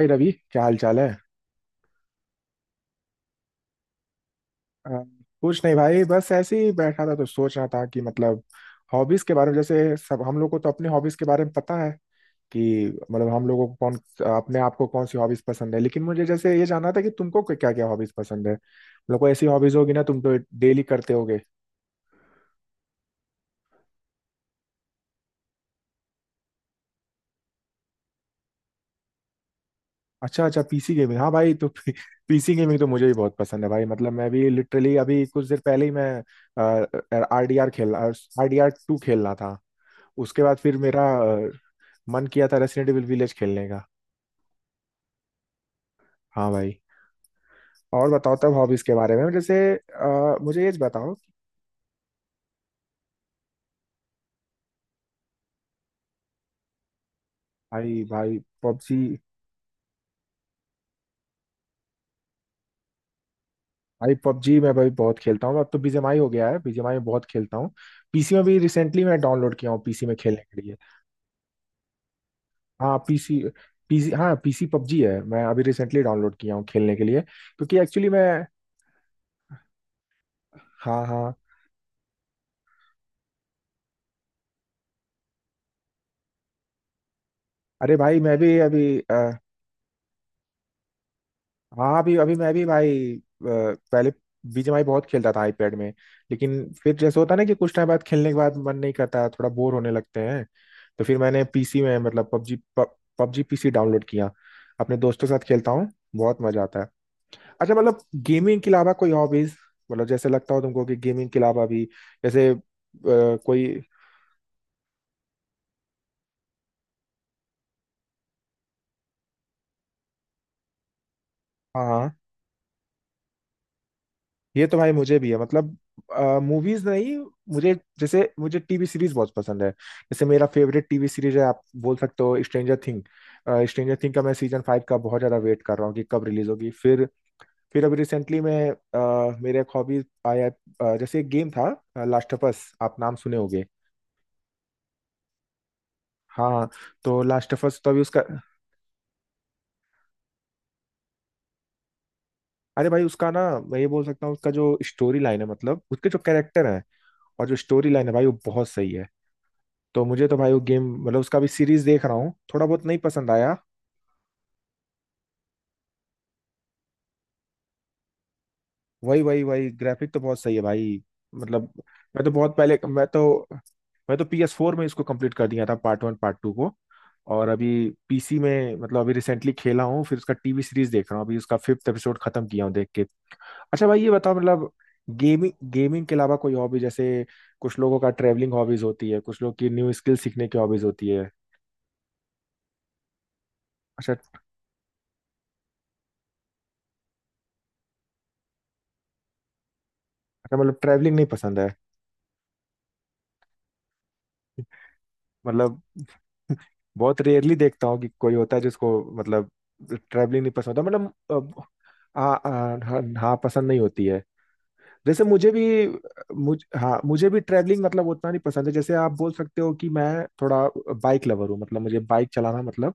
भाई रवि क्या हाल चाल है। अ, कुछ नहीं भाई बस ऐसे ही बैठा था तो सोच रहा था कि मतलब हॉबीज के बारे में। जैसे सब हम लोग को तो अपनी हॉबीज के बारे में पता है कि मतलब हम लोगों को कौन अपने आप को कौन सी हॉबीज पसंद है, लेकिन मुझे जैसे ये जानना था कि तुमको क्या क्या हॉबीज पसंद है। मतलब कोई ऐसी हॉबीज होगी ना, तुम तो डेली करते होगे। अच्छा अच्छा, पीसी गेमिंग, हाँ भाई। तो पीसी गेमिंग तो मुझे भी बहुत पसंद है भाई। मतलब मैं भी लिटरली अभी कुछ देर पहले ही मैं आर डी आर खेल आर डी आर टू खेल रहा था। उसके बाद फिर मेरा मन किया था रेसिडेंट एविल विलेज खेलने का। हाँ भाई। और बताओ तब हॉबीज के बारे में। जैसे मुझे ये बताओ। भाई भाई पबजी, भाई पबजी मैं भाई बहुत खेलता हूँ। अब तो बीजीएमआई हो गया है, बीजीएमआई में बहुत खेलता हूँ। पीसी में भी रिसेंटली मैं डाउनलोड किया हूँ पीसी में खेलने के लिए। हाँ पीसी हाँ पीसी पबजी है। मैं अभी रिसेंटली डाउनलोड किया हूँ खेलने के लिए, क्योंकि एक्चुअली मैं हाँ हाँ। अरे भाई मैं भी अभी हाँ। अभी अभी मैं भी भाई पहले बीजीएमआई बहुत खेलता था आईपैड में। लेकिन फिर जैसे होता है ना, कि कुछ टाइम बाद खेलने के बाद मन नहीं करता, थोड़ा बोर होने लगते हैं। तो फिर मैंने पीसी में मतलब पबजी पबजी पीसी डाउनलोड किया, अपने दोस्तों के साथ खेलता हूँ, बहुत मजा आता है। अच्छा, मतलब गेमिंग के अलावा कोई हॉबीज, मतलब जैसे लगता हो तुमको कि गेमिंग के अलावा भी, जैसे कोई। हाँ हाँ। ये तो भाई मुझे भी है। मतलब मूवीज नहीं, मुझे टीवी सीरीज बहुत पसंद है। जैसे मेरा फेवरेट टीवी सीरीज है, आप बोल सकते हो, स्ट्रेंजर थिंग। स्ट्रेंजर थिंग का मैं सीजन फाइव का बहुत ज्यादा वेट कर रहा हूँ कि कब रिलीज होगी। फिर अभी रिसेंटली मैं मेरे एक हॉबी आया, जैसे एक गेम था, लास्ट ऑफ अस, आप नाम सुने होगे। हाँ। तो लास्ट ऑफ अस तो अभी उसका, अरे भाई उसका ना, मैं ये बोल सकता हूँ उसका जो स्टोरी लाइन है, मतलब उसके जो कैरेक्टर है और जो स्टोरी लाइन है भाई, वो बहुत सही है। तो मुझे तो भाई वो गेम मतलब उसका भी सीरीज देख रहा हूँ, थोड़ा बहुत नहीं पसंद आया। वही वही वही ग्राफिक तो बहुत सही है भाई, मतलब। मैं तो बहुत पहले मैं तो PS4 फोर में इसको कंप्लीट कर दिया था, पार्ट वन पार्ट टू को। और अभी पीसी में मतलब अभी रिसेंटली खेला हूँ। फिर उसका टीवी सीरीज देख रहा हूँ, अभी उसका फिफ्थ एपिसोड खत्म किया हूँ देख के। अच्छा भाई ये बताओ मतलब गेमिंग गेमिंग के अलावा कोई हॉबी, जैसे कुछ लोगों का ट्रैवलिंग हॉबीज होती है, कुछ लोग की न्यू स्किल सीखने की हॉबीज होती है। अच्छा। अच्छा मतलब ट्रैवलिंग नहीं पसंद है। मतलब बहुत रेयरली देखता हूँ कि कोई होता है जिसको, मतलब ट्रैवलिंग नहीं पसंद होता। मतलब हाँ हाँ हाँ हाँ, पसंद नहीं होती है। जैसे मुझे भी, मुझे भी ट्रैवलिंग मतलब उतना नहीं पसंद है। जैसे आप बोल सकते हो कि मैं थोड़ा बाइक लवर हूँ, मतलब मुझे बाइक चलाना मतलब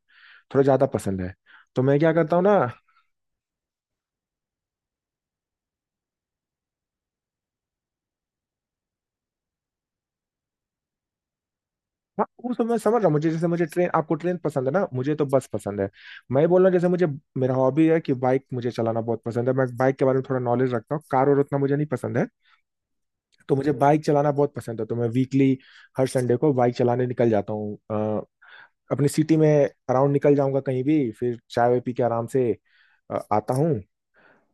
थोड़ा ज्यादा पसंद है। तो मैं क्या करता हूँ ना, हाँ वो सब मैं समझ रहा हूँ। मुझे ट्रेन, आपको ट्रेन पसंद है ना, मुझे तो बस पसंद है। मैं ये बोल रहा हूँ, जैसे मुझे, मेरा हॉबी है कि बाइक मुझे चलाना बहुत पसंद है, मैं बाइक के बारे में थोड़ा नॉलेज रखता हूँ, कार और उतना मुझे नहीं पसंद है। तो मुझे बाइक चलाना बहुत पसंद है, तो मैं वीकली, हर संडे को बाइक चलाने निकल जाता हूँ, अपनी सिटी में अराउंड निकल जाऊंगा कहीं भी, फिर चाय वाय पी के आराम से आता हूँ।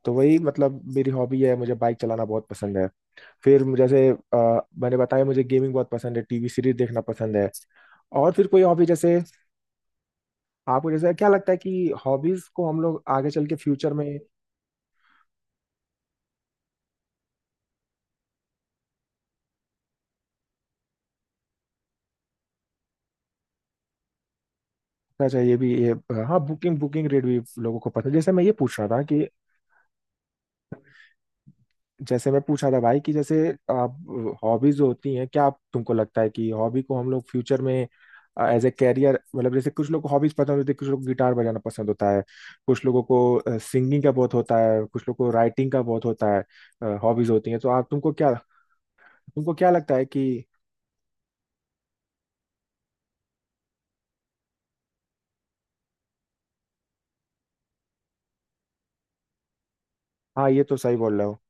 तो वही मतलब मेरी हॉबी है, मुझे बाइक चलाना बहुत पसंद है। जैसे मैंने बताया मुझे गेमिंग बहुत पसंद है, टीवी सीरीज देखना पसंद है, और फिर कोई हॉबी जैसे, आपको जैसे क्या लगता है कि हॉबीज को हम लोग आगे चल के फ्यूचर में करना चाहिए भी ये। हाँ, बुकिंग बुकिंग रेट भी लोगों को पसंद है। जैसे मैं ये पूछ रहा था कि, जैसे मैं पूछा था भाई, कि जैसे आप हॉबीज जो होती हैं, क्या आप तुमको लगता है कि हॉबी को हम लोग फ्यूचर में एज ए कैरियर, मतलब जैसे कुछ लोग को हॉबीज पसंद होती है, कुछ लोग गिटार बजाना पसंद होता है, कुछ लोगों को सिंगिंग का बहुत होता है, कुछ लोगों को राइटिंग का बहुत होता है, हॉबीज होती हैं। तो आप तुमको क्या, तुमको क्या लगता है कि। हाँ ये तो सही बोल रहे हो।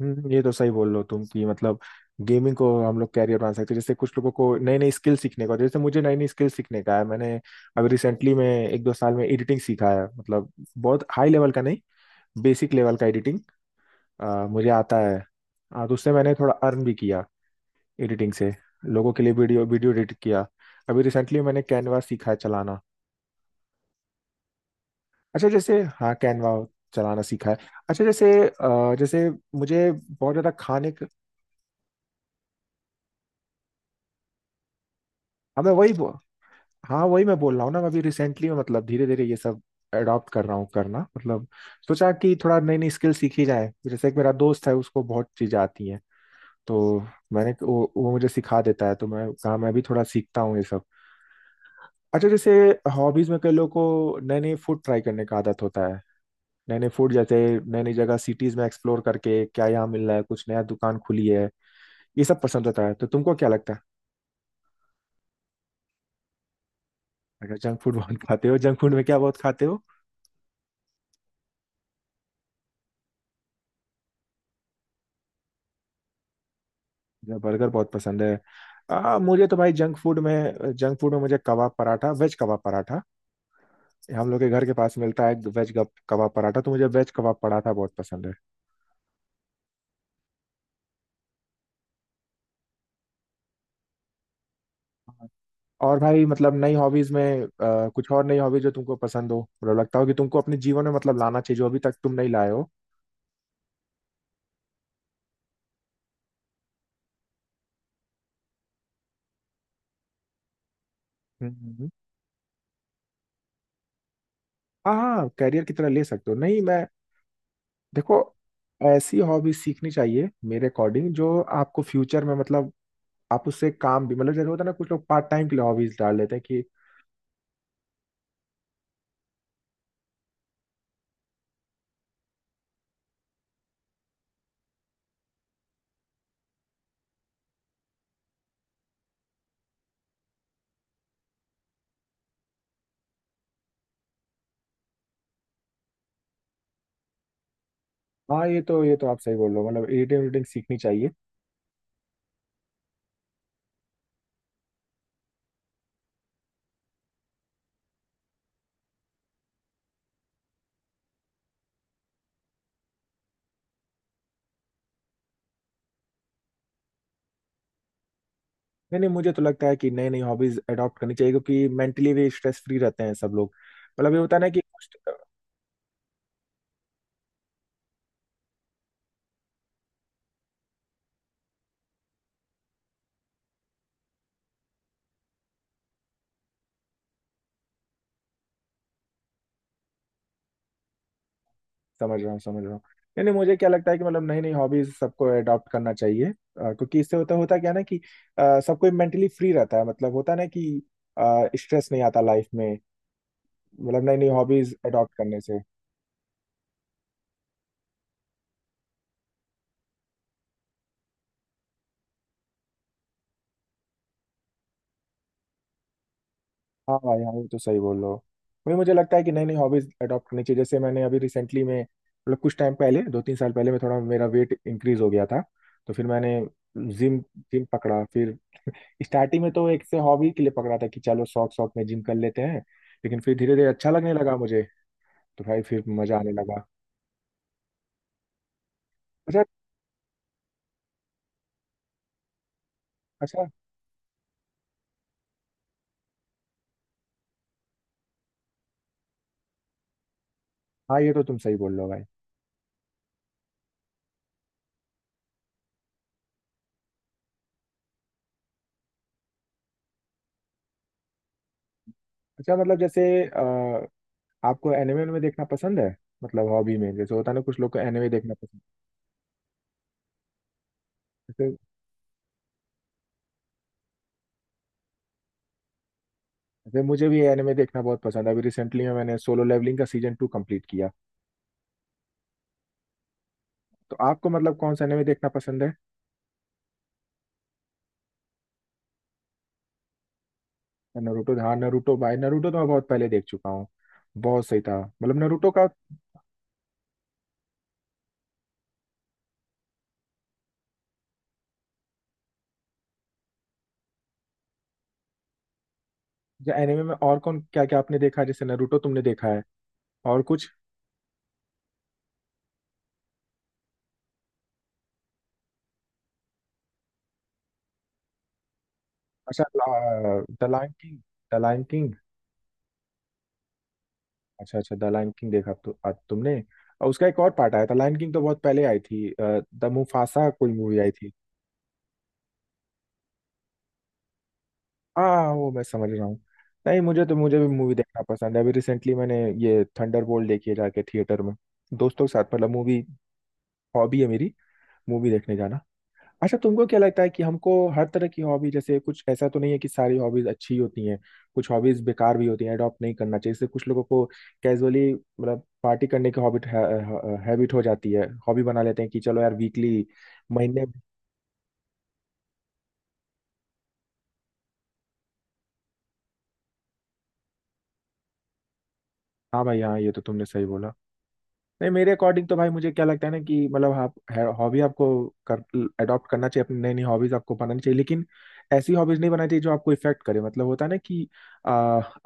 ये तो सही बोल रहे हो तुम कि मतलब गेमिंग को हम लोग कैरियर बना सकते हैं। जैसे कुछ लोगों को नई नई स्किल सीखने को, जैसे मुझे नई नई स्किल सीखने का है। मैंने अभी रिसेंटली में एक दो साल में एडिटिंग सीखा है, मतलब बहुत हाई लेवल का नहीं, बेसिक लेवल का एडिटिंग मुझे आता है। तो उससे मैंने थोड़ा अर्न भी किया एडिटिंग से, लोगों के लिए वीडियो वीडियो एडिट किया। अभी रिसेंटली मैंने कैनवा सीखा है चलाना। अच्छा जैसे हाँ, कैनवा चलाना सीखा है। अच्छा जैसे जैसे मुझे बहुत ज़्यादा खाने का। हाँ मैं वही, हाँ वही मैं बोल रहा हूँ ना, मैं अभी रिसेंटली में मतलब धीरे धीरे ये सब अडॉप्ट कर रहा हूँ करना। मतलब सोचा कि थोड़ा नई नई स्किल सीखी जाए। जैसे एक मेरा दोस्त है, उसको बहुत चीजें आती हैं। तो वो मुझे सिखा देता है, तो मैं कहा मैं भी थोड़ा सीखता हूँ ये सब। अच्छा जैसे हॉबीज में कई लोगों को नए नए फूड ट्राई करने का आदत होता है। नए नए फूड, जैसे नई नई जगह सिटीज में एक्सप्लोर करके क्या यहाँ मिल रहा है, कुछ नया दुकान खुली है, ये सब पसंद होता है। तो तुमको क्या लगता है। अगर जंक फूड बहुत खाते हो, जंक फूड में क्या बहुत खाते हो। मुझे बर्गर बहुत पसंद है। मुझे तो भाई जंक फूड में, मुझे कबाब पराठा, वेज कबाब पराठा हम लोग के घर के पास मिलता है। वेज कबाब पराठा, तो मुझे वेज कबाब पराठा बहुत पसंद है। और भाई मतलब नई हॉबीज में, कुछ और नई हॉबीज जो तुमको पसंद हो, मतलब लगता हो कि तुमको अपने जीवन में मतलब लाना चाहिए जो अभी तक तुम नहीं लाए हो। हम्म। हाँ हाँ, कैरियर की तरह ले सकते हो। नहीं मैं, देखो ऐसी हॉबीज सीखनी चाहिए मेरे अकॉर्डिंग, जो आपको फ्यूचर में मतलब आप उससे काम भी, मतलब जैसे होता है ना कुछ लोग पार्ट टाइम के लिए हॉबीज डाल लेते हैं कि। हाँ ये तो आप सही बोल रहे हो, मतलब एडिटिंग एडिटिंग सीखनी चाहिए। नहीं नहीं मुझे तो लगता है कि नई नई हॉबीज अडॉप्ट करनी चाहिए, क्योंकि मेंटली भी स्ट्रेस फ्री रहते हैं सब लोग। मतलब ये होता है ना कि कुछ तो, समझ रहा हूँ समझ रहा हूँ। नहीं नहीं मुझे क्या लगता है कि मतलब नई नई हॉबीज सबको अडॉप्ट करना चाहिए, क्योंकि इससे होता होता क्या है ना कि सबको मेंटली फ्री रहता है। मतलब होता है ना कि स्ट्रेस नहीं आता लाइफ में, मतलब नई नई हॉबीज अडॉप्ट करने से। हाँ भाई हाँ ये तो सही बोल रहे हो। वही मुझे लगता है कि नई नई हॉबीज अडॉप्ट करनी चाहिए। जैसे मैंने अभी रिसेंटली में मतलब कुछ टाइम पहले, दो तीन साल पहले मैं थोड़ा, मेरा वेट इंक्रीज हो गया था। तो फिर मैंने जिम जिम पकड़ा। फिर स्टार्टिंग में तो एक से हॉबी के लिए पकड़ा था कि चलो शौक शौक में जिम कर लेते हैं, लेकिन फिर धीरे धीरे अच्छा लगने लगा मुझे। तो भाई फिर मजा आने लगा। अच्छा। अच्छा हाँ ये तो तुम सही बोल रहे हो भाई। अच्छा मतलब जैसे आपको एनिमे में देखना पसंद है, मतलब हॉबी में जैसे होता है ना कुछ लोग को एनिमे देखना पसंद है। वैसे मुझे भी एनिमे देखना बहुत पसंद है, अभी रिसेंटली में मैंने सोलो लेवलिंग का सीजन टू कंप्लीट किया। तो आपको मतलब कौन सा एनिमे देखना पसंद है। नरूटो, हाँ नरूटो भाई, नरूटो तो मैं बहुत पहले देख चुका हूँ। बहुत सही था, मतलब नरूटो का। जो एनिमे में और कौन क्या क्या आपने देखा है, जैसे नरूटो तुमने देखा है और कुछ। अच्छा, the Lion King the Lion King. अच्छा अच्छा द लायन किंग देखा तो तुमने। और उसका एक और पार्ट आया था लायन किंग, तो बहुत पहले आई थी, द मुफासा कोई मूवी आई थी। हाँ वो मैं समझ रहा हूँ। नहीं मुझे भी मूवी देखना पसंद है। अभी रिसेंटली मैंने ये थंडरबोल्ट देखी है जाके थिएटर में, दोस्तों के साथ। मतलब मूवी हॉबी है मेरी, मूवी देखने जाना। अच्छा तुमको क्या लगता है कि हमको हर तरह की हॉबी, जैसे कुछ ऐसा तो नहीं है कि सारी हॉबीज अच्छी होती हैं, कुछ हॉबीज बेकार भी होती हैं अडॉप्ट नहीं करना चाहिए। जैसे कुछ लोगों को कैजुअली मतलब पार्टी करने की हॉबिट हैबिट हो जाती है, हॉबी बना लेते हैं कि चलो यार वीकली, महीने। हाँ भाई हाँ ये तो तुमने सही बोला। नहीं मेरे अकॉर्डिंग तो भाई मुझे क्या लगता है ना, कि मतलब आप हॉबी आपको कर अडॉप्ट करना चाहिए। अपनी नई नई हॉबीज आपको बनानी चाहिए, लेकिन ऐसी हॉबीज नहीं बनानी चाहिए जो आपको इफेक्ट करे। मतलब होता है ना कि आ,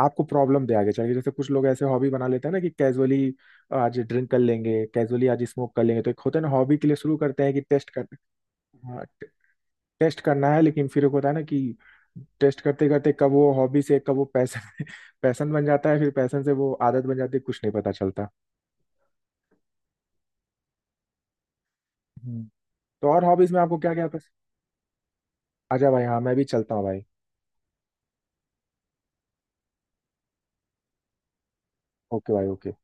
आपको प्रॉब्लम दे आगे चल के। जैसे कुछ लोग ऐसे हॉबी बना लेते हैं ना कि कैजुअली आज ड्रिंक कर लेंगे, कैजुअली आज स्मोक कर लेंगे। तो एक होता है ना हॉबी के लिए शुरू करते हैं कि टेस्ट कर, हाँ, टेस्ट करना है। लेकिन फिर एक होता है ना कि टेस्ट करते करते कब वो हॉबी से, कब वो पैसन पैसन बन जाता है, फिर पैसन से वो आदत बन जाती है, कुछ नहीं पता चलता। तो और हॉबीज में आपको क्या क्या पसंद। अच्छा भाई हाँ मैं भी चलता हूँ भाई। ओके भाई ओके।